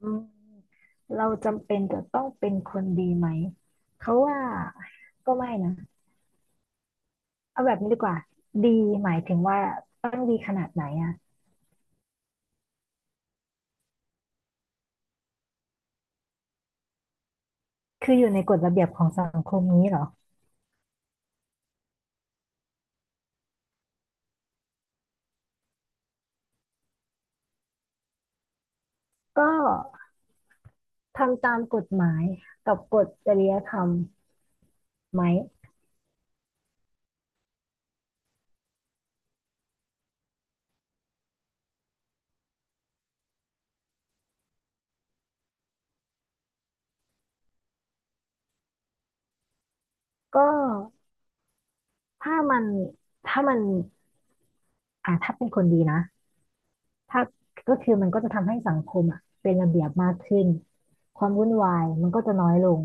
อืมเราจำเป็นจะต้องเป็นคนดีไหมเขาว่าก็ไม่นะเอาแบบนี้ดีกว่าดีหมายถึงว่าต้องดีขนาดไหนอ่ะคืออยู่ในกฎระเบียบของสังคมนี้เหรอก็ทำตามกฎหมายกับกฎจริยธรรมไหมก็ถ้ามันถ้ามันถ้าเป็นคนดีนะถ้าก็คือมันก็จะทำให้สังคมอ่ะเป็นระเบียบมากขึ้นความวุ่นวายมันก็จะน้อยลง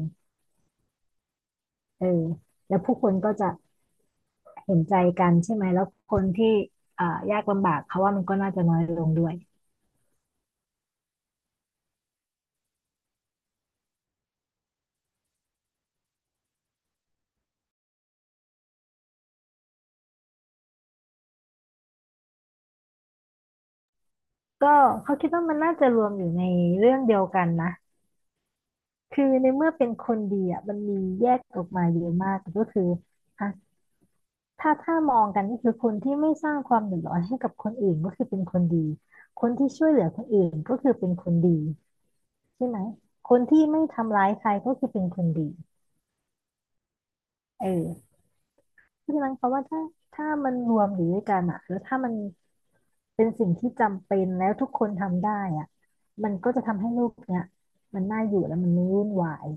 เออแล้วผู้คนก็จะ เห็นใจกันใช่ไหมแล้วคนที่อ่ายากลำบากเขาว่ามันก็น่าจะน้อยลงด้วยก็เขาคิดว่ามันน่าจะรวมอยู่ในเรื่องเดียวกันนะคือในเมื่อเป็นคนดีอ่ะมันมีแยกออกมาเยอะมากก็คืออ่ะถ้ามองกันก็คือคนที่ไม่สร้างความเดือดร้อนให้กับคนอื่นก็คือเป็นคนดี คนที่ช่วยเหลือคนอื่นก็คือเป็นคนดีใช่ไหมคนที่ไม่ทำร้ายใครก็คือเป็นคนดีเออ พังนั้นเขามว่าถ้าถ้ามันรวมอยู่ด้วยกันอะแล้วถ้ามันเป็นสิ่งที่จำเป็นแล้วทุกคนทำได้อะมันก็จะทำให้โลกเนี้ยมันน่าอยู่และมันไม่วุ่นวาย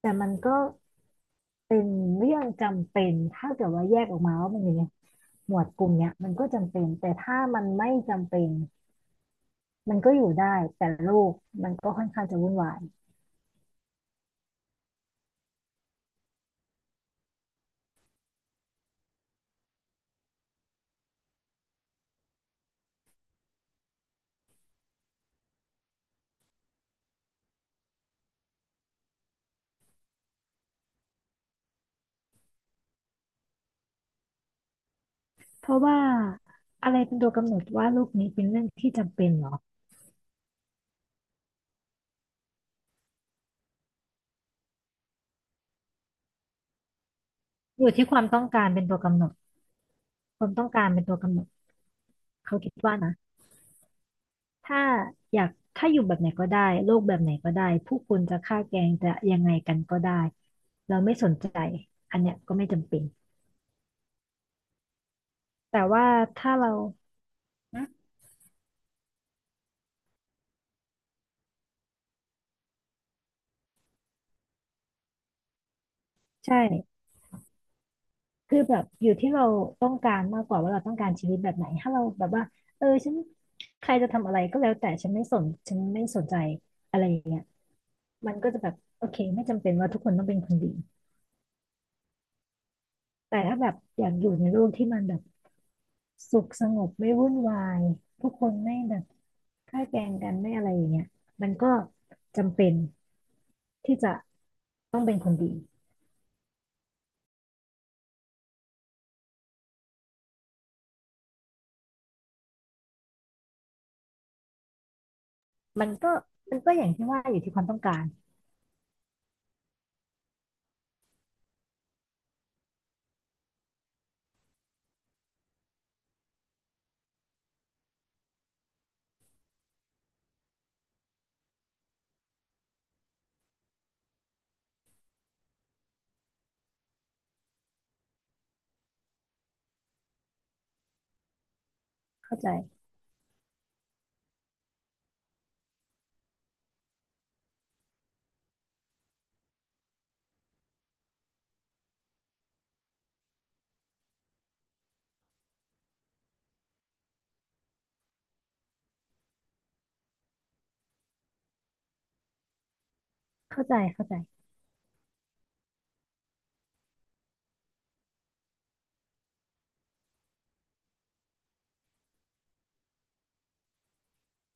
แต่มันก็เป็นเรื่องจำเป็นถ้าเกิดว่าแยกออกมาว่ามันอยู่ในหมวดกลุ่มเนี้ยมันก็จำเป็นแต่ถ้ามันไม่จำเป็นมันก็อยู่ได้แต่โลกมันก็ค่อนข้างจะวุ่นวายเพราะว่าอะไรเป็นตัวกำหนดว่าโลกนี้เป็นเรื่องที่จำเป็นเหรออยู่ที่ความต้องการเป็นตัวกำหนดความต้องการเป็นตัวกำหนด เขาคิดว่านะถ้าอยากถ้าอยู่แบบไหนก็ได้โลกแบบไหนก็ได้ผู้คนจะฆ่าแกล้งจะยังไงกันก็ได้เราไม่สนใจอันเนี้ยก็ไม่จำเป็นแต่ว่าถ้าเรานะใช่คือแบบอยู่ที่เราต้องการมากกว่าว่าเราต้องการชีวิตแบบไหนถ้าเราแบบว่าเออฉันใครจะทำอะไรก็แล้วแต่ฉันไม่สนใจอะไรอย่างเงี้ยมันก็จะแบบโอเคไม่จำเป็นว่าทุกคนต้องเป็นคนดีแต่ถ้าแบบอยากอยู่ในโลกที่มันแบบ สุขสงบไม่วุ่นวายทุกคนไม่แบบฆ่าแกล้งกันไม่อะไรอย่างเงี้ยมันก็จำเป็นที่จะต้องเป็นคนดี มันก็มันก็อย่างที่ว่าอยู่ที่ความต้องการเข้าใจเข้าใจ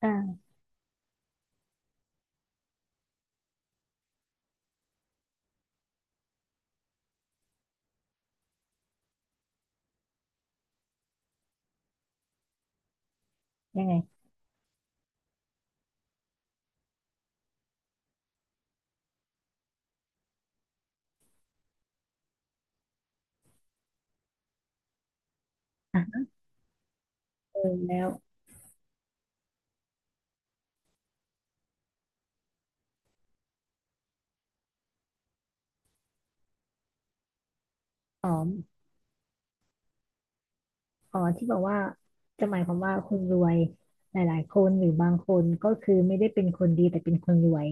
อ่ายังไงอ่ะเออแล้วอ๋ออ๋อที่บอกว่าจะหมายความว่าคนรวยหลายๆคนหรือบางคนก็คือไม่ได้เป็นคนดีแต่เป็นคนรวย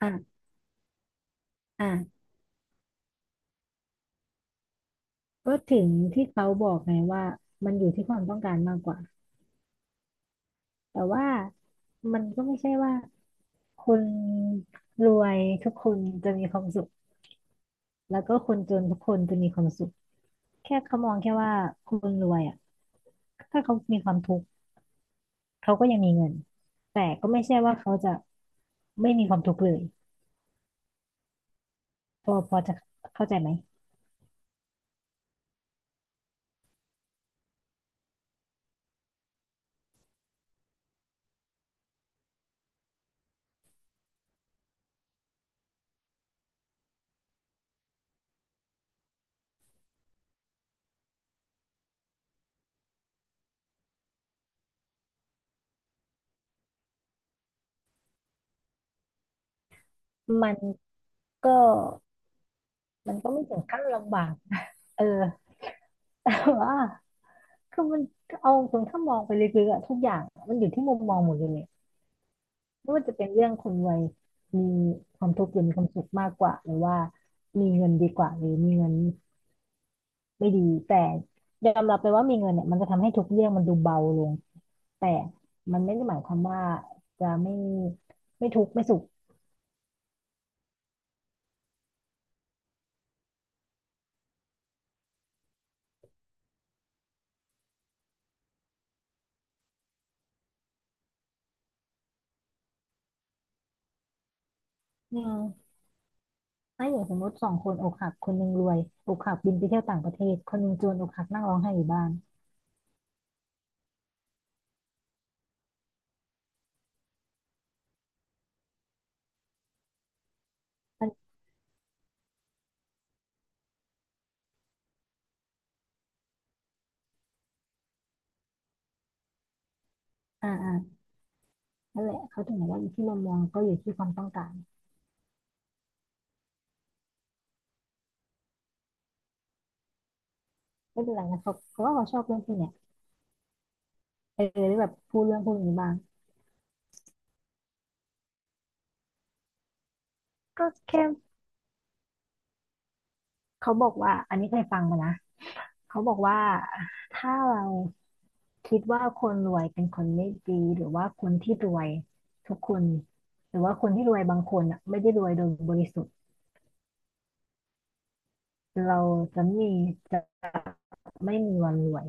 อ่ะอ่ะก็ถึงที่เขาบอกไงว่ามันอยู่ที่ความต้องการมากกว่า แต่ว่ามันก็ไม่ใช่ว่าคนรวยทุกคนจะมีความสุขแล้วก็คนจนทุกคนจะมีความสุขแค่เขามองแค่ว่าคนรวยอ่ะถ้าเขามีความทุกข์เขาก็ยังมีเงินแต่ก็ไม่ใช่ว่าเขาจะไม่มีความทุกข์เลยพอจะเข้าใจไหมมันก็มันก็ไม่ถึงขั้นลำบากนะเออ แต่ว่าคือมันเอาตรงถ้ามองไปลึกๆอะทุกอย่างมันอยู่ที่มุมมองหมดเลย ไม่ว่าจะเป็นเรื่องคนรวยมีความทุกข์หรือมีความสุขมากกว่าหรือว่ามีเงินดีกว่าหรือมีเงินไม่ดีแต่ยอมรับไปว่ามีเงินเนี่ยมันจะทำให้ทุกเรื่องมันดูเบาลงแต่มันไม่ได้หมายความว่าจะไม่ทุกข์ไม่สุขอืมถ้าอย่างสมมติสองคนอกหักคนหนึ่งรวยอกหักบินไปเที่ยวต่างประเทศคนหนึ่งจนอกหักนั่งร้องไห้อยู่บ้านมันอ่าอ่านั่นแหละเขาถึงบอกว่าอยู่ที่มุมมองก็อยู่ที่ความต้องการไม่เป็นไรนะเขาว่าเขาชอบเรื่องพวกเนี้ยเออได้แบบพูดเรื่องพวกนี้บ้าง ก็แค่เขาบอกว่าอันนี้เคยฟังมานะเขาบอกว่าถ้าเราคิดว่าคนรวยเป็นคนไม่ดีหรือว่าคนที่รวยทุกคนหรือว่าคนที่รวยบางคนอ่ะไม่ได้รวยโดยบริสุทธิ์เราจะมีจะไม่มีวันรวย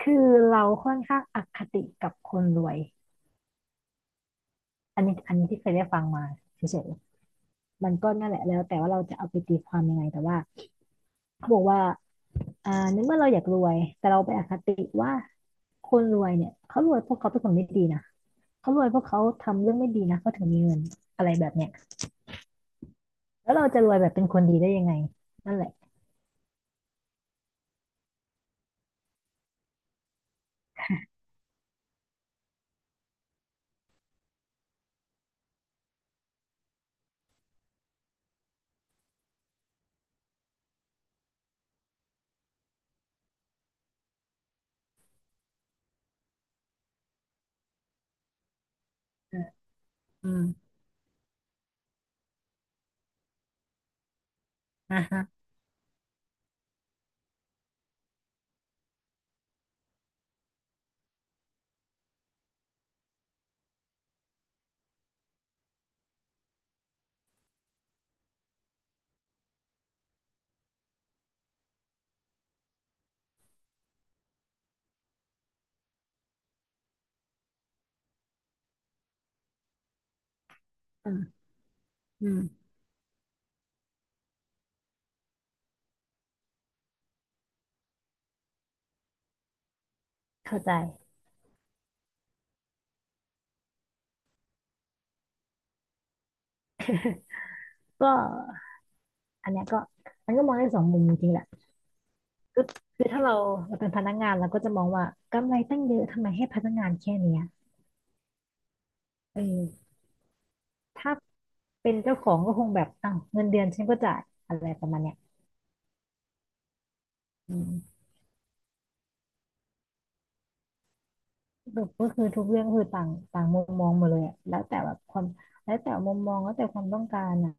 คือเราค่อนข้างอคติกับคนรวยอันนี้ที่เคยได้ฟังมาเฉยๆมันก็นั่นแหละแล้วแต่ว่าเราจะเอาไปตีความยังไงแต่ว่าเขาบอกว่า ในเมื่อเราอยากรวยแต่เราไปอคติว่าคนรวยเนี่ยเขารวยเพวกเขาเป็นคนไม่ดีนะเขารวยเพวกเขาทำเรื่องไม่ดีนะเขาถึงมีเงินอะไรแบบเนี้ยแล้วเราจะรวยแบบเป็นคนดีได้ยังไงนั่นแหละอืมอมอ่าฮะอืมอืมเข้าใจก็อันเนี้ยก็มันก็มองได้สองมุมจริงๆแหละก็คือถ้าเราเป็นพนักงานเราก็จะมองว่ากำไรตั้งเยอะทำไมให้พนักงานแค่เนี้ยเออถ้าเป็นเจ้าของก็คงแบบอ้าวเงินเดือนฉันก็จ่ายอะไรประมาณเนี้ยอืม แบบก็คือทุกเรื่องคือต่างต่างมุมมองหมดเลยอะแล้วแต่แบบความแล้วแต่มุมมองแล้วแต่ความต้องการอ่ะ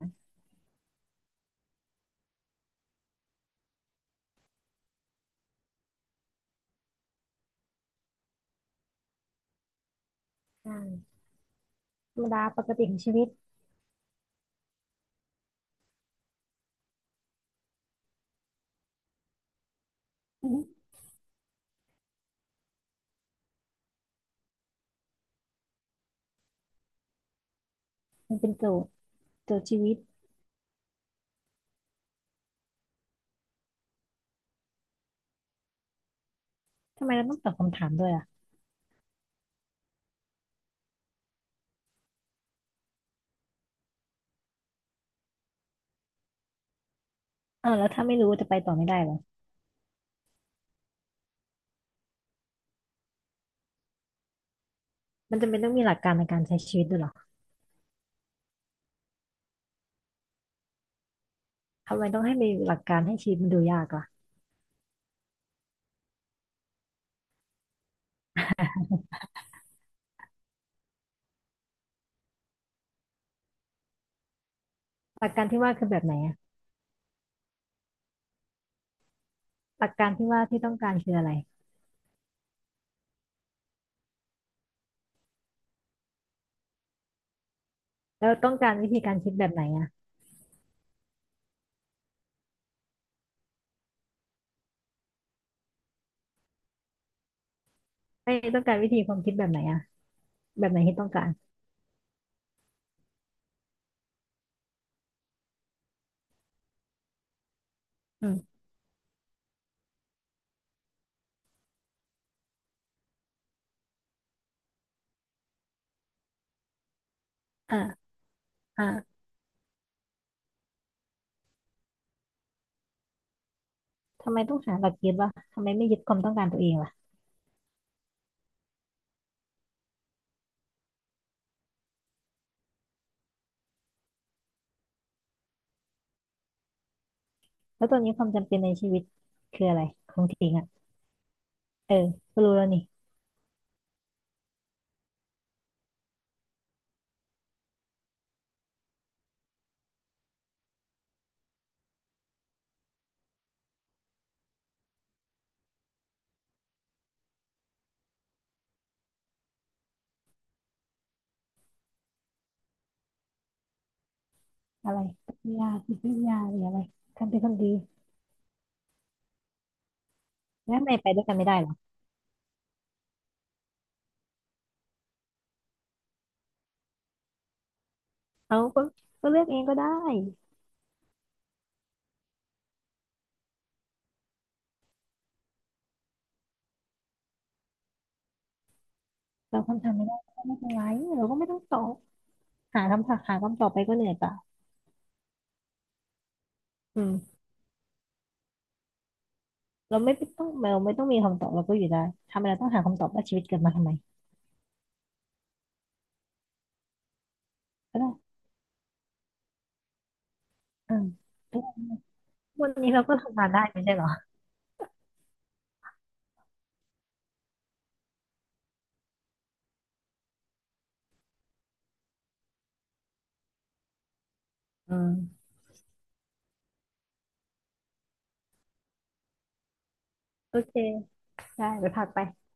ใช่ธรรมดาปกติของชีวิตอือหืมันเป็นโจทย์โจทย์ชีวิตทำไมเราต้องตอบคำถามด้วยอ่ะเออแล้วถ้าไม่รู้จะไปต่อไม่ได้เหรอมันจำเป็นต้องมีหลักการในการใช้ชีวิตด้วยเหรอทำไมต้องให้มีหลักการให้ชีวิตมันดูยากล่ะหลักการที่ว่าคือแบบไหนอ่ะหลักการที่ว่าที่ต้องการคืออะไรแล้วต้องการวิธีการคิดแบบไหนอ่ะไม่ต้องการวิธีความคิดแบบไหนอ่ะแบบไหนที่ต้องการอืมอ่าอ่า ทำไมต้องหาหลักยึดวะทำไมไม่ยึดความต้องการตัวเองล่ะแล้วตอนนี้ความจำเป็นในชีวิตคืออะไรของถิงอ่ะเออก็รู้แล้วนี่อะไรปรัชญาจิตวิทยาหรืออะไรการเป็นคนดีแล้วทำไมไปด้วยกันไม่ได้หรอเอาก็ก็เลือกเองก็ได้ เราคำถามไม่ได้ก็ไม่เป็นไรเราก็ไม่ต้องตอบหาคำถามหาคำตอบไปก็เหนื่อยเปล่าอืมเราไม่ต้องเราไม่ต้องมีคำตอบเราก็อยู่ได้ทำไมเราต้องหาคำตอบว่าชีวิตเกิดมาทำไมก็ได้อืมวันนี้เราก็ทำงานได้ไม่ใช่เหรออืมโอเคได้ไปพักไป